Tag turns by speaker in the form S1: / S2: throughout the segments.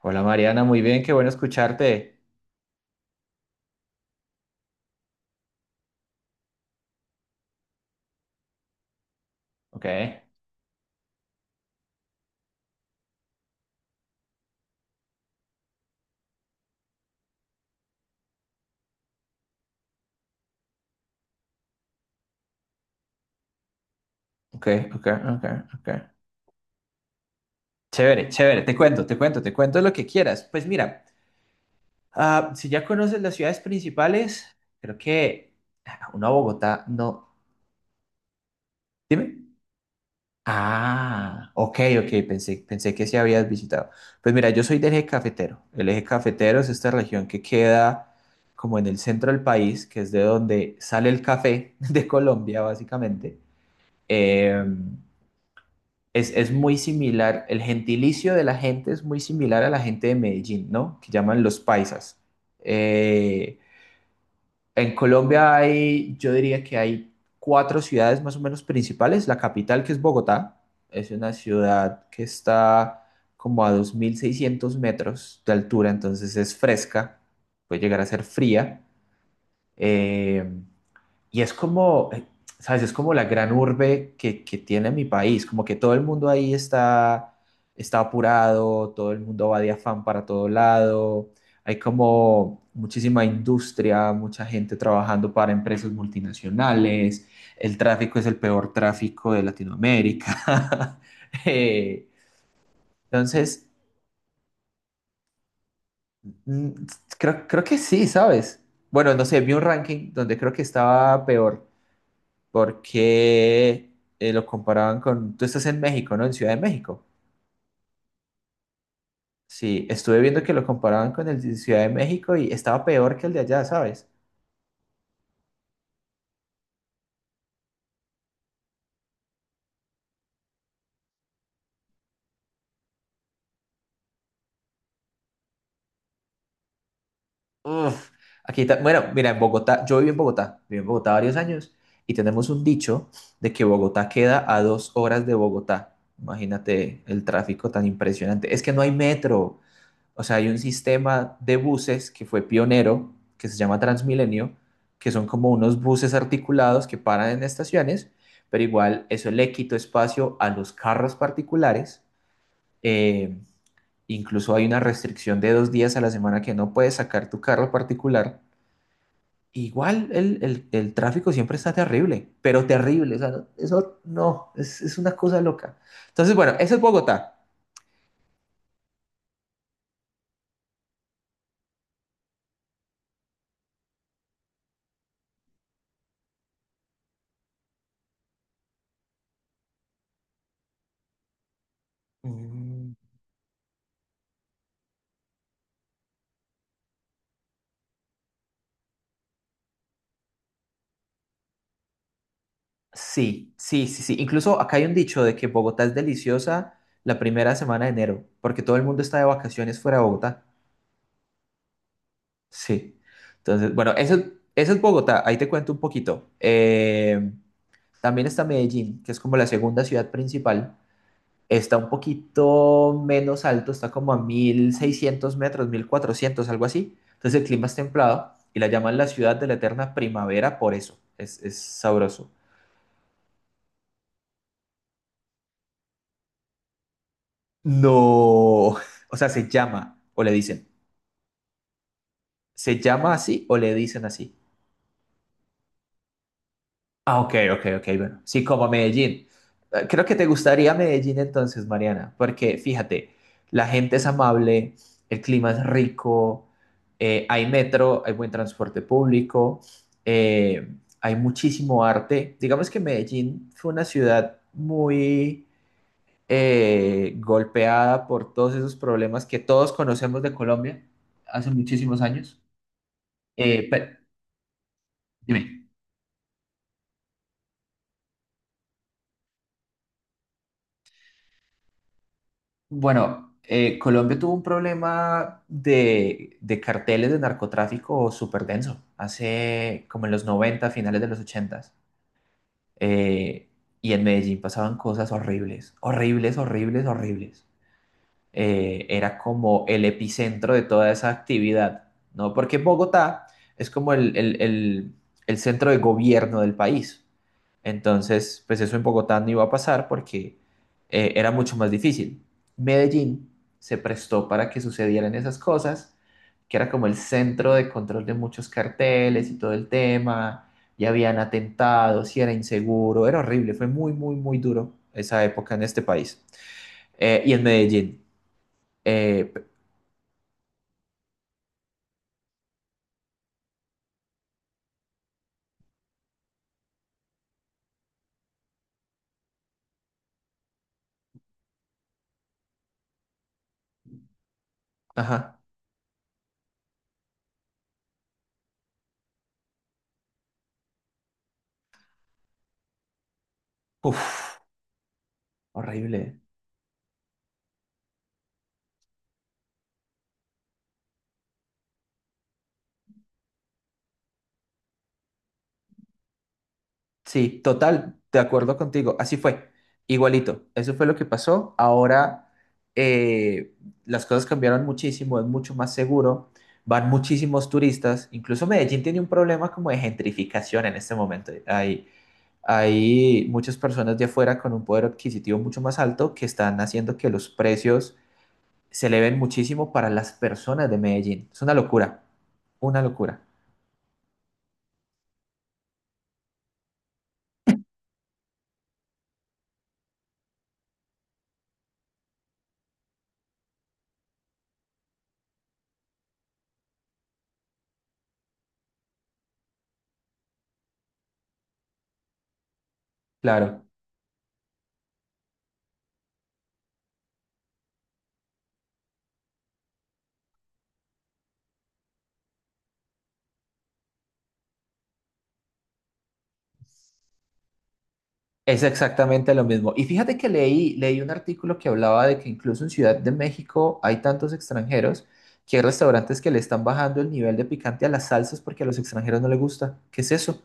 S1: Hola Mariana, muy bien, qué bueno escucharte. Ok, ok, ok, ok, ok. Chévere, chévere, te cuento, te cuento, te cuento lo que quieras. Pues mira, si ya conoces las ciudades principales, creo que una Bogotá, no. Dime. Ah, ok, ok, pensé que sí habías visitado. Pues mira, yo soy del eje cafetero. El eje cafetero es esta región que queda como en el centro del país, que es de donde sale el café de Colombia, básicamente. Em, es muy similar, el gentilicio de la gente es muy similar a la gente de Medellín, ¿no? Que llaman los paisas. Eh, en Colombia hay, yo diría que hay cuatro ciudades más o menos principales. La capital, que es Bogotá, es una ciudad que está como a 2.600 metros de altura, entonces es fresca, puede llegar a ser fría. Eh, y es como, ¿sabes? Es como la gran urbe que tiene mi país, como que todo el mundo ahí está apurado, todo el mundo va de afán para todo lado, hay como muchísima industria, mucha gente trabajando para empresas multinacionales, el tráfico es el peor tráfico de Latinoamérica. Eh, entonces, mm, creo que sí, ¿sabes? Bueno, no sé, vi un ranking donde creo que estaba peor porque lo comparaban con, tú estás en México, ¿no? En Ciudad de México. Sí, estuve viendo que lo comparaban con el de Ciudad de México y estaba peor que el de allá, ¿sabes? Uf, bueno, mira, en Bogotá, yo viví en Bogotá varios años y tenemos un dicho de que Bogotá queda a 2 horas de Bogotá. Imagínate el tráfico tan impresionante. Es que no hay metro. O sea, hay un sistema de buses que fue pionero, que se llama Transmilenio, que son como unos buses articulados que paran en estaciones, pero igual eso le quitó espacio a los carros particulares. Eh, incluso hay una restricción de 2 días a la semana que no puedes sacar tu carro particular. Igual el tráfico siempre está terrible, pero terrible. O sea, eso no, es una cosa loca. Entonces, bueno, eso es Bogotá. Mm. Sí, sí, sí, sí. Incluso acá hay un dicho de que Bogotá es deliciosa la primera semana de enero, porque todo el mundo está de vacaciones fuera de Bogotá. Sí. Entonces, bueno, eso es Bogotá. Ahí te cuento un poquito. También está Medellín, que es como la segunda ciudad principal. Está un poquito menos alto, está como a 1.600 metros, 1.400, algo así. Entonces el clima es templado y la llaman la ciudad de la eterna primavera por eso. Es sabroso. No, o sea, se llama o le dicen. ¿Se llama así o le dicen así? Ah, ok, ok, ok, bueno. Sí, como Medellín. Creo que te gustaría Medellín entonces, Mariana, porque fíjate, la gente es amable, el clima es rico, hay metro, hay buen transporte público, eh, hay muchísimo arte. Digamos que Medellín fue una ciudad muy golpeada por todos esos problemas que todos conocemos de Colombia hace muchísimos años. Eh, pe- Dime. Bueno, Colombia tuvo un problema de carteles de narcotráfico súper denso, hace como en los 90, finales de los 80. Eh, y en Medellín pasaban cosas horribles, horribles, horribles, horribles. Era como el epicentro de toda esa actividad, ¿no? Porque Bogotá es como el centro de gobierno del país. Entonces, pues eso en Bogotá no iba a pasar porque era mucho más difícil. Medellín se prestó para que sucedieran esas cosas, que era como el centro de control de muchos carteles y todo el tema, y habían atentados y era inseguro, era horrible, fue muy, muy, muy duro esa época en este país. Y en Medellín. Eh, Ajá. Uf, horrible. Sí, total, de acuerdo contigo. Así fue, igualito. Eso fue lo que pasó. Ahora eh, las cosas cambiaron muchísimo, es mucho más seguro. Van muchísimos turistas. Incluso Medellín tiene un problema como de gentrificación en este momento. Hay muchas personas de afuera con un poder adquisitivo mucho más alto que están haciendo que los precios se eleven muchísimo para las personas de Medellín. Es una locura, una locura. Claro. Es exactamente lo mismo. Y fíjate que leí un artículo que hablaba de que incluso en Ciudad de México hay tantos extranjeros que hay restaurantes que le están bajando el nivel de picante a las salsas porque a los extranjeros no les gusta. ¿Qué es eso?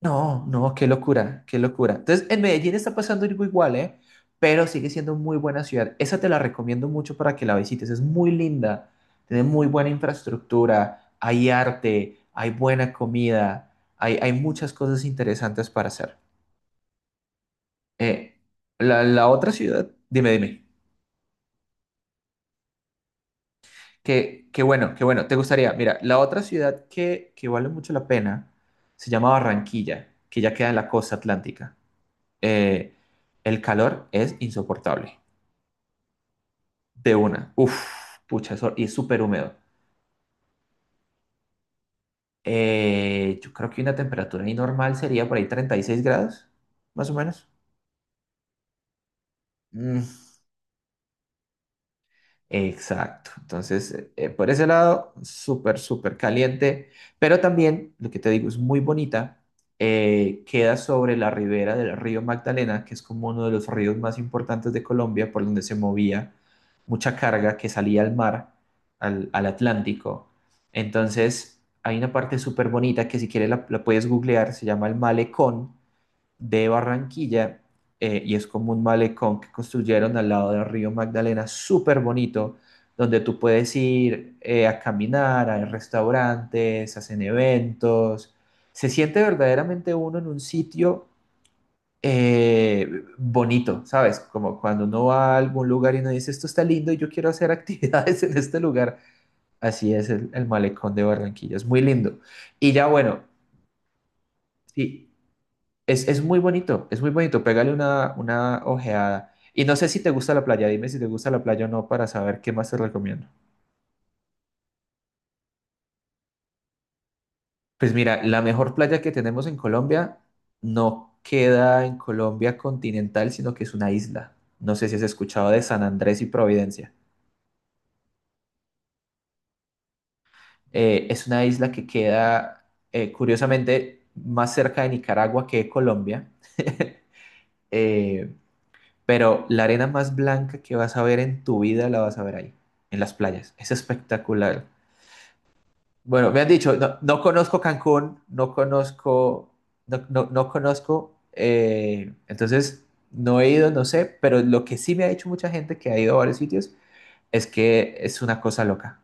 S1: No, no, qué locura, qué locura. Entonces, en Medellín está pasando algo igual, ¿eh? Pero sigue siendo muy buena ciudad. Esa te la recomiendo mucho para que la visites. Es muy linda, tiene muy buena infraestructura, hay arte, hay buena comida, hay muchas cosas interesantes para hacer. Eh, la otra ciudad, dime, dime. Que bueno, te gustaría. Mira, la otra ciudad que vale mucho la pena se llama Barranquilla, que ya queda en la costa atlántica. Eh, el calor es insoportable. De una. Uf, pucha, eso, y es súper húmedo. Yo creo que una temperatura ahí normal sería por ahí 36 grados, más o menos. Mm, exacto. Entonces, por ese lado, súper, súper caliente, pero también, lo que te digo, es muy bonita. Queda sobre la ribera del río Magdalena, que es como uno de los ríos más importantes de Colombia, por donde se movía mucha carga que salía al mar, al Atlántico. Entonces, hay una parte súper bonita que si quieres la puedes googlear, se llama el malecón de Barranquilla y es como un malecón que construyeron al lado del río Magdalena, súper bonito, donde tú puedes ir a caminar, hay restaurantes, hacen eventos. Se siente verdaderamente uno en un sitio bonito, ¿sabes? Como cuando uno va a algún lugar y uno dice, esto está lindo y yo quiero hacer actividades en este lugar. Así es el malecón de Barranquilla, es muy lindo. Y ya bueno, sí. Es muy bonito, es muy bonito. Pégale una ojeada. Y no sé si te gusta la playa, dime si te gusta la playa o no para saber qué más te recomiendo. Pues mira, la mejor playa que tenemos en Colombia no queda en Colombia continental, sino que es una isla. No sé si has escuchado de San Andrés y Providencia. Es una isla que queda, curiosamente, más cerca de Nicaragua que de Colombia. Eh, Pero la arena más blanca que vas a ver en tu vida la vas a ver ahí, en las playas. Es espectacular. Bueno, me han dicho, no, no conozco Cancún, no conozco, no, no, no conozco, entonces no he ido, no sé, pero lo que sí me ha dicho mucha gente que ha ido a varios sitios es que es una cosa loca.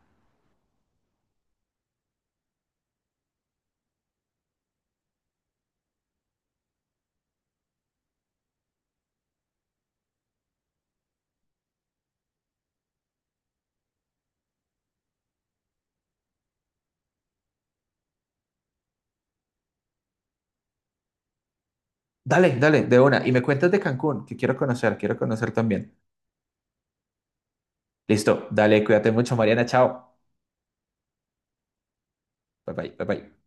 S1: Dale, dale, de una. Y me cuentas de Cancún, que quiero conocer también. Listo, dale, cuídate mucho, Mariana, chao. Bye bye, bye bye.